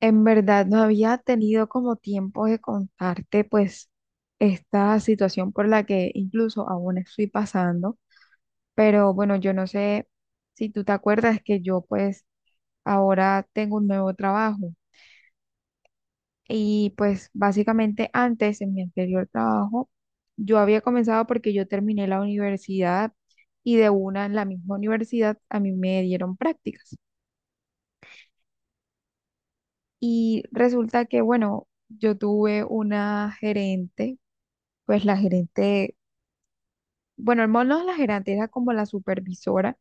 En verdad, no había tenido como tiempo de contarte pues esta situación por la que incluso aún estoy pasando, pero bueno, yo no sé si tú te acuerdas que yo pues ahora tengo un nuevo trabajo y pues básicamente antes en mi anterior trabajo yo había comenzado porque yo terminé la universidad y de una en la misma universidad a mí me dieron prácticas y resulta que bueno, yo tuve una gerente pues la gerente, bueno, no la gerente, era como la supervisora,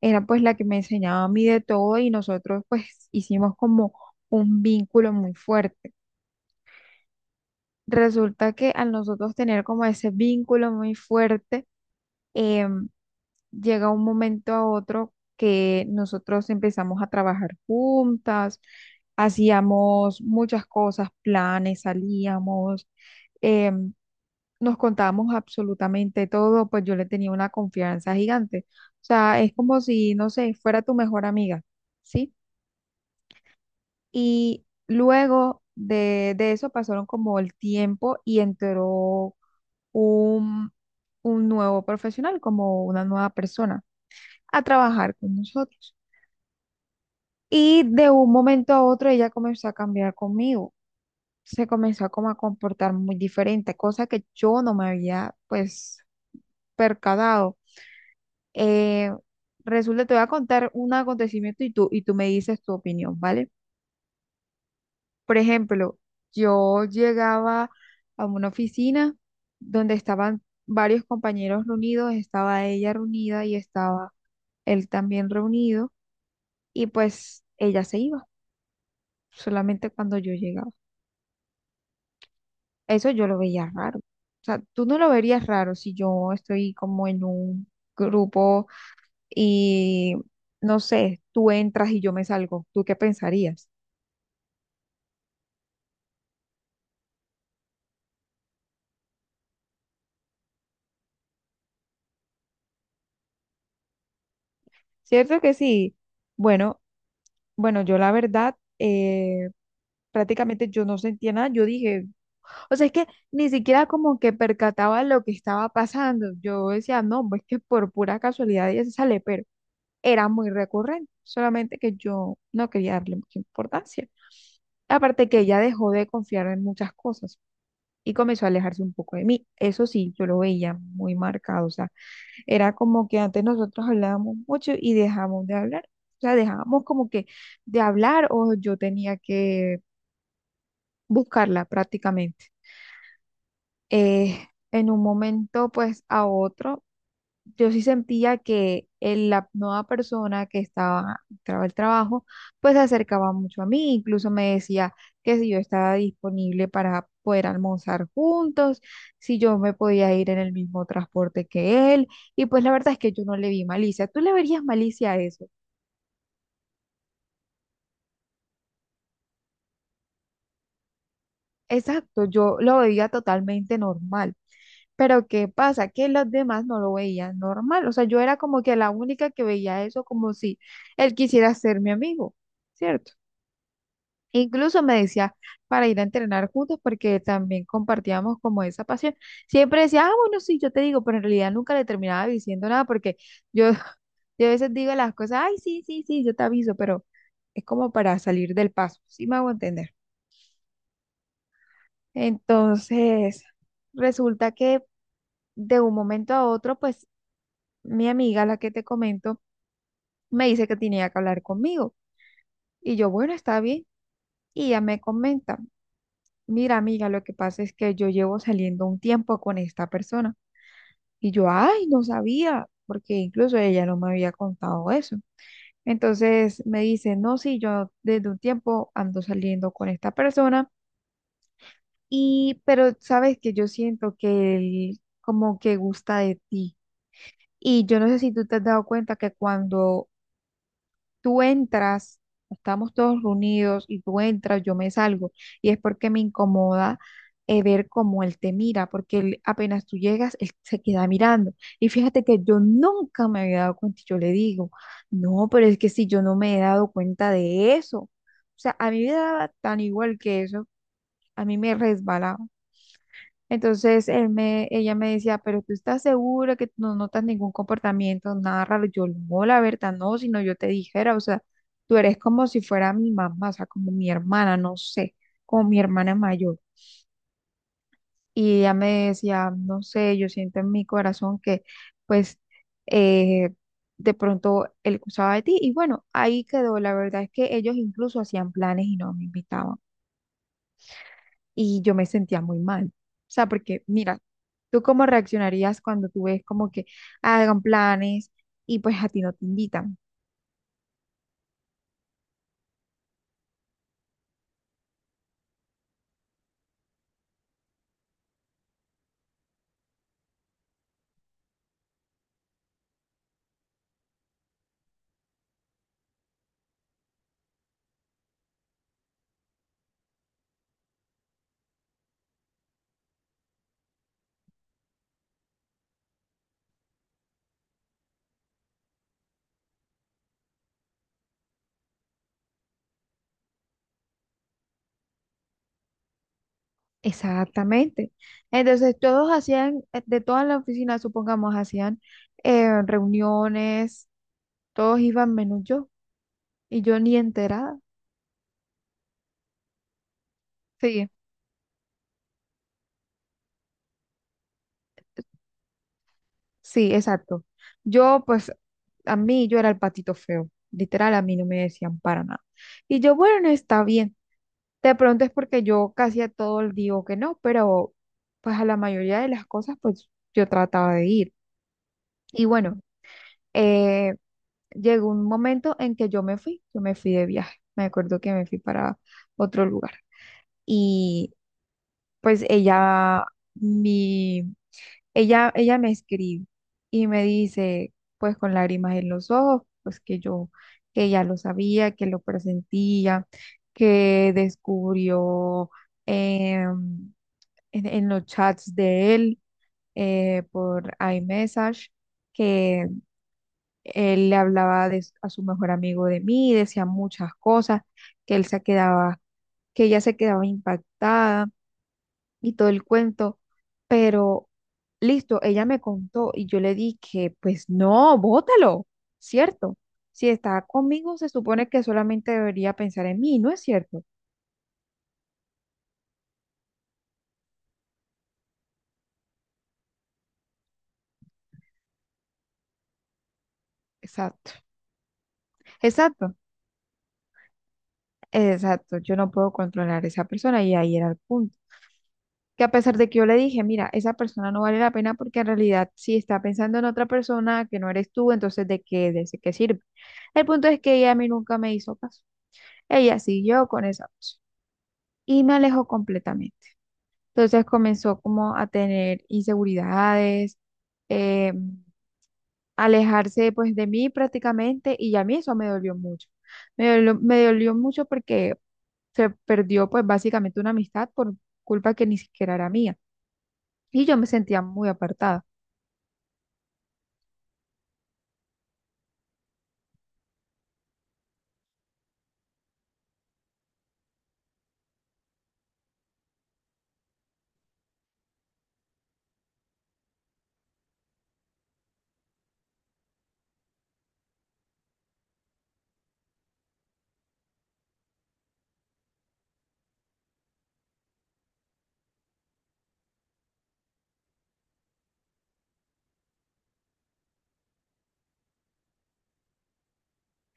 era pues la que me enseñaba a mí de todo y nosotros pues hicimos como un vínculo muy fuerte. Resulta que al nosotros tener como ese vínculo muy fuerte, em, llega un momento a otro que nosotros empezamos a trabajar juntas, hacíamos muchas cosas, planes, salíamos. em, Nos contábamos absolutamente todo, pues yo le tenía una confianza gigante. O sea, es como si, no sé, fuera tu mejor amiga, ¿sí? Y luego de eso pasaron como el tiempo y entró un, un nuevo profesional, como una nueva persona, a trabajar con nosotros. Y de un momento a otro ella comenzó a cambiar conmigo. Se comenzó como a comportar muy diferente, cosa que yo no me había pues percatado. Eh, Resulta, te voy a contar un acontecimiento y tú me dices tu opinión, ¿vale? Por ejemplo, yo llegaba a una oficina donde estaban varios compañeros reunidos, estaba ella reunida y estaba él también reunido, y pues ella se iba solamente cuando yo llegaba. Eso yo lo veía raro. O sea, tú no lo verías raro si yo estoy como en un grupo y, no sé, tú entras y yo me salgo. ¿Tú qué pensarías? ¿Cierto que sí? Bueno, bueno, yo la verdad, prácticamente yo no sentía nada, yo dije, o sea, es que ni siquiera como que percataba lo que estaba pasando, yo decía, no, pues que por pura casualidad ella se sale, pero era muy recurrente, solamente que yo no quería darle mucha importancia. Aparte que ella dejó de confiar en muchas cosas y comenzó a alejarse un poco de mí, eso sí, yo lo veía muy marcado, o sea, era como que antes nosotros hablábamos mucho y dejamos de hablar. O sea, dejábamos como que de hablar o yo tenía que buscarla prácticamente. Eh, en un momento, pues a otro yo sí sentía que la nueva persona que estaba, entraba el trabajo, pues se acercaba mucho a mí, incluso me decía que si yo estaba disponible para poder almorzar juntos, si yo me podía ir en el mismo transporte que él, y pues la verdad es que yo no le vi malicia. ¿Tú le verías malicia a eso? Exacto, yo lo veía totalmente normal. Pero ¿qué pasa? Que los demás no lo veían normal. O sea, yo era como que la única que veía eso como si él quisiera ser mi amigo, ¿cierto? Incluso me decía para ir a entrenar juntos porque también compartíamos como esa pasión. Siempre decía, ah, bueno, sí, yo te digo, pero en realidad nunca le terminaba diciendo nada porque yo, yo a veces digo las cosas, ay, sí, sí, sí, yo te aviso, pero es como para salir del paso, ¿sí me hago entender? Entonces, resulta que de un momento a otro, pues mi amiga, la que te comento, me dice que tenía que hablar conmigo y yo, bueno, está bien, y ella me comenta. Mira, amiga, lo que pasa es que yo llevo saliendo un tiempo con esta persona y yo, ay, no sabía, porque incluso ella no me había contado eso. Entonces me dice, no, sí, yo desde un tiempo ando saliendo con esta persona y, pero sabes que yo siento que él como que gusta de ti. Y yo no sé si tú te has dado cuenta que cuando tú entras, estamos todos reunidos y tú entras, yo me salgo. Y es porque me incomoda ver cómo él te mira, porque él, apenas tú llegas, él se queda mirando. Y fíjate que yo nunca me había dado cuenta, y yo le digo, no, pero es que si yo no me he dado cuenta de eso, o sea, a mí me daba tan igual que eso, a mí me resbalaba. Entonces ella me decía, pero tú estás segura que no notas ningún comportamiento, nada raro. Yo no, la verdad, no, sino yo te dijera, o sea, tú eres como si fuera mi mamá, o sea, como mi hermana, no sé, como mi hermana mayor. Y ella me decía, no sé, yo siento en mi corazón que, pues, eh, de pronto él usaba de ti. Y bueno, ahí quedó. La verdad es que ellos incluso hacían planes y no me invitaban. Y yo me sentía muy mal. O sea, porque mira, ¿tú cómo reaccionarías cuando tú ves como que hagan planes y pues a ti no te invitan? Exactamente. Entonces, todos hacían, de toda la oficina, supongamos, hacían reuniones, todos iban menos yo y yo ni enterada. Sí, sí, exacto. Yo pues a mí yo era el patito feo, literal, a mí no me decían para nada. Y yo, bueno, está bien. De pronto es porque yo casi a todo el digo que no, pero pues a la mayoría de las cosas pues yo trataba de ir. Y bueno, eh, llegó un momento en que yo me fui de viaje. Me acuerdo que me fui para otro lugar. Y pues ella, mi, ella me escribe y me dice, pues con lágrimas en los ojos, pues que yo, que ya lo sabía, que lo presentía, que descubrió. em, en los chats de él por iMessage, que él le hablaba a su mejor amigo de mí, decía muchas cosas, que él se quedaba, que ella se quedaba impactada y todo el cuento, pero listo, ella me contó y yo le dije, pues no, bótalo, ¿cierto? Si está conmigo, se supone que solamente debería pensar en mí, ¿no es cierto? Exacto, exacto, exacto. Yo no puedo controlar a esa persona y ahí era el punto. Que a pesar de que yo le dije, mira, esa persona no vale la pena porque en realidad si está pensando en otra persona que no eres tú, entonces de qué sirve? El punto es que ella a mí nunca me hizo caso. Ella siguió con esa opción y me alejó completamente. Entonces comenzó como a tener inseguridades, eh, alejarse pues de mí prácticamente y a mí eso me dolió mucho. Me dolió mucho porque se perdió pues básicamente una amistad por culpa que ni siquiera era mía y yo me sentía muy apartada.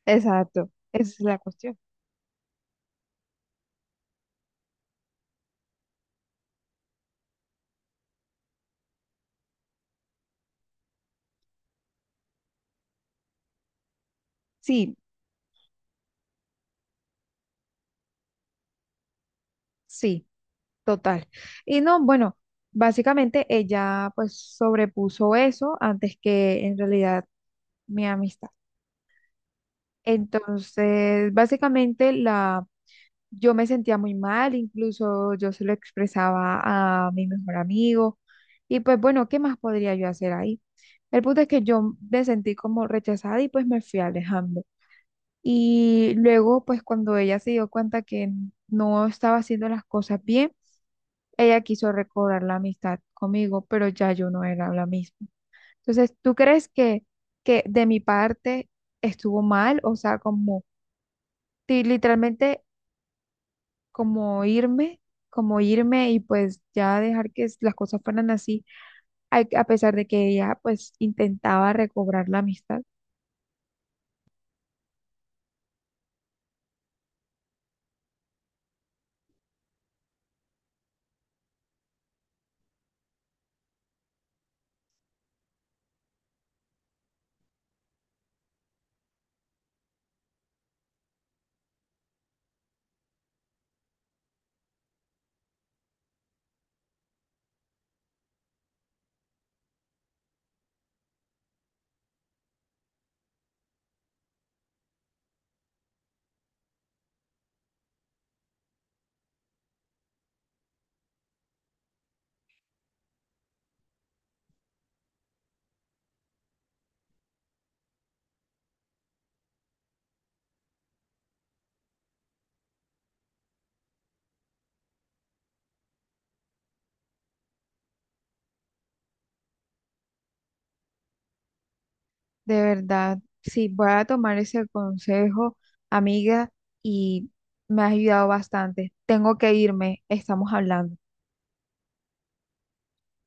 Exacto, esa es la cuestión. Sí, sí, total. Y no, bueno, básicamente ella pues sobrepuso eso antes que en realidad mi amistad. Entonces, básicamente la yo me sentía muy mal, incluso yo se lo expresaba a mi mejor amigo y pues bueno, ¿qué más podría yo hacer ahí? El punto es que yo me sentí como rechazada y pues me fui alejando. Y luego, pues cuando ella se dio cuenta que no estaba haciendo las cosas bien, ella quiso recobrar la amistad conmigo, pero ya yo no era la misma. Entonces, ¿tú crees que de mi parte estuvo mal? O sea, como literalmente como irme, como irme y pues ya dejar que las cosas fueran así, a pesar de que ella pues intentaba recobrar la amistad. De verdad, sí, voy a tomar ese consejo, amiga, y me has ayudado bastante. Tengo que irme, estamos hablando.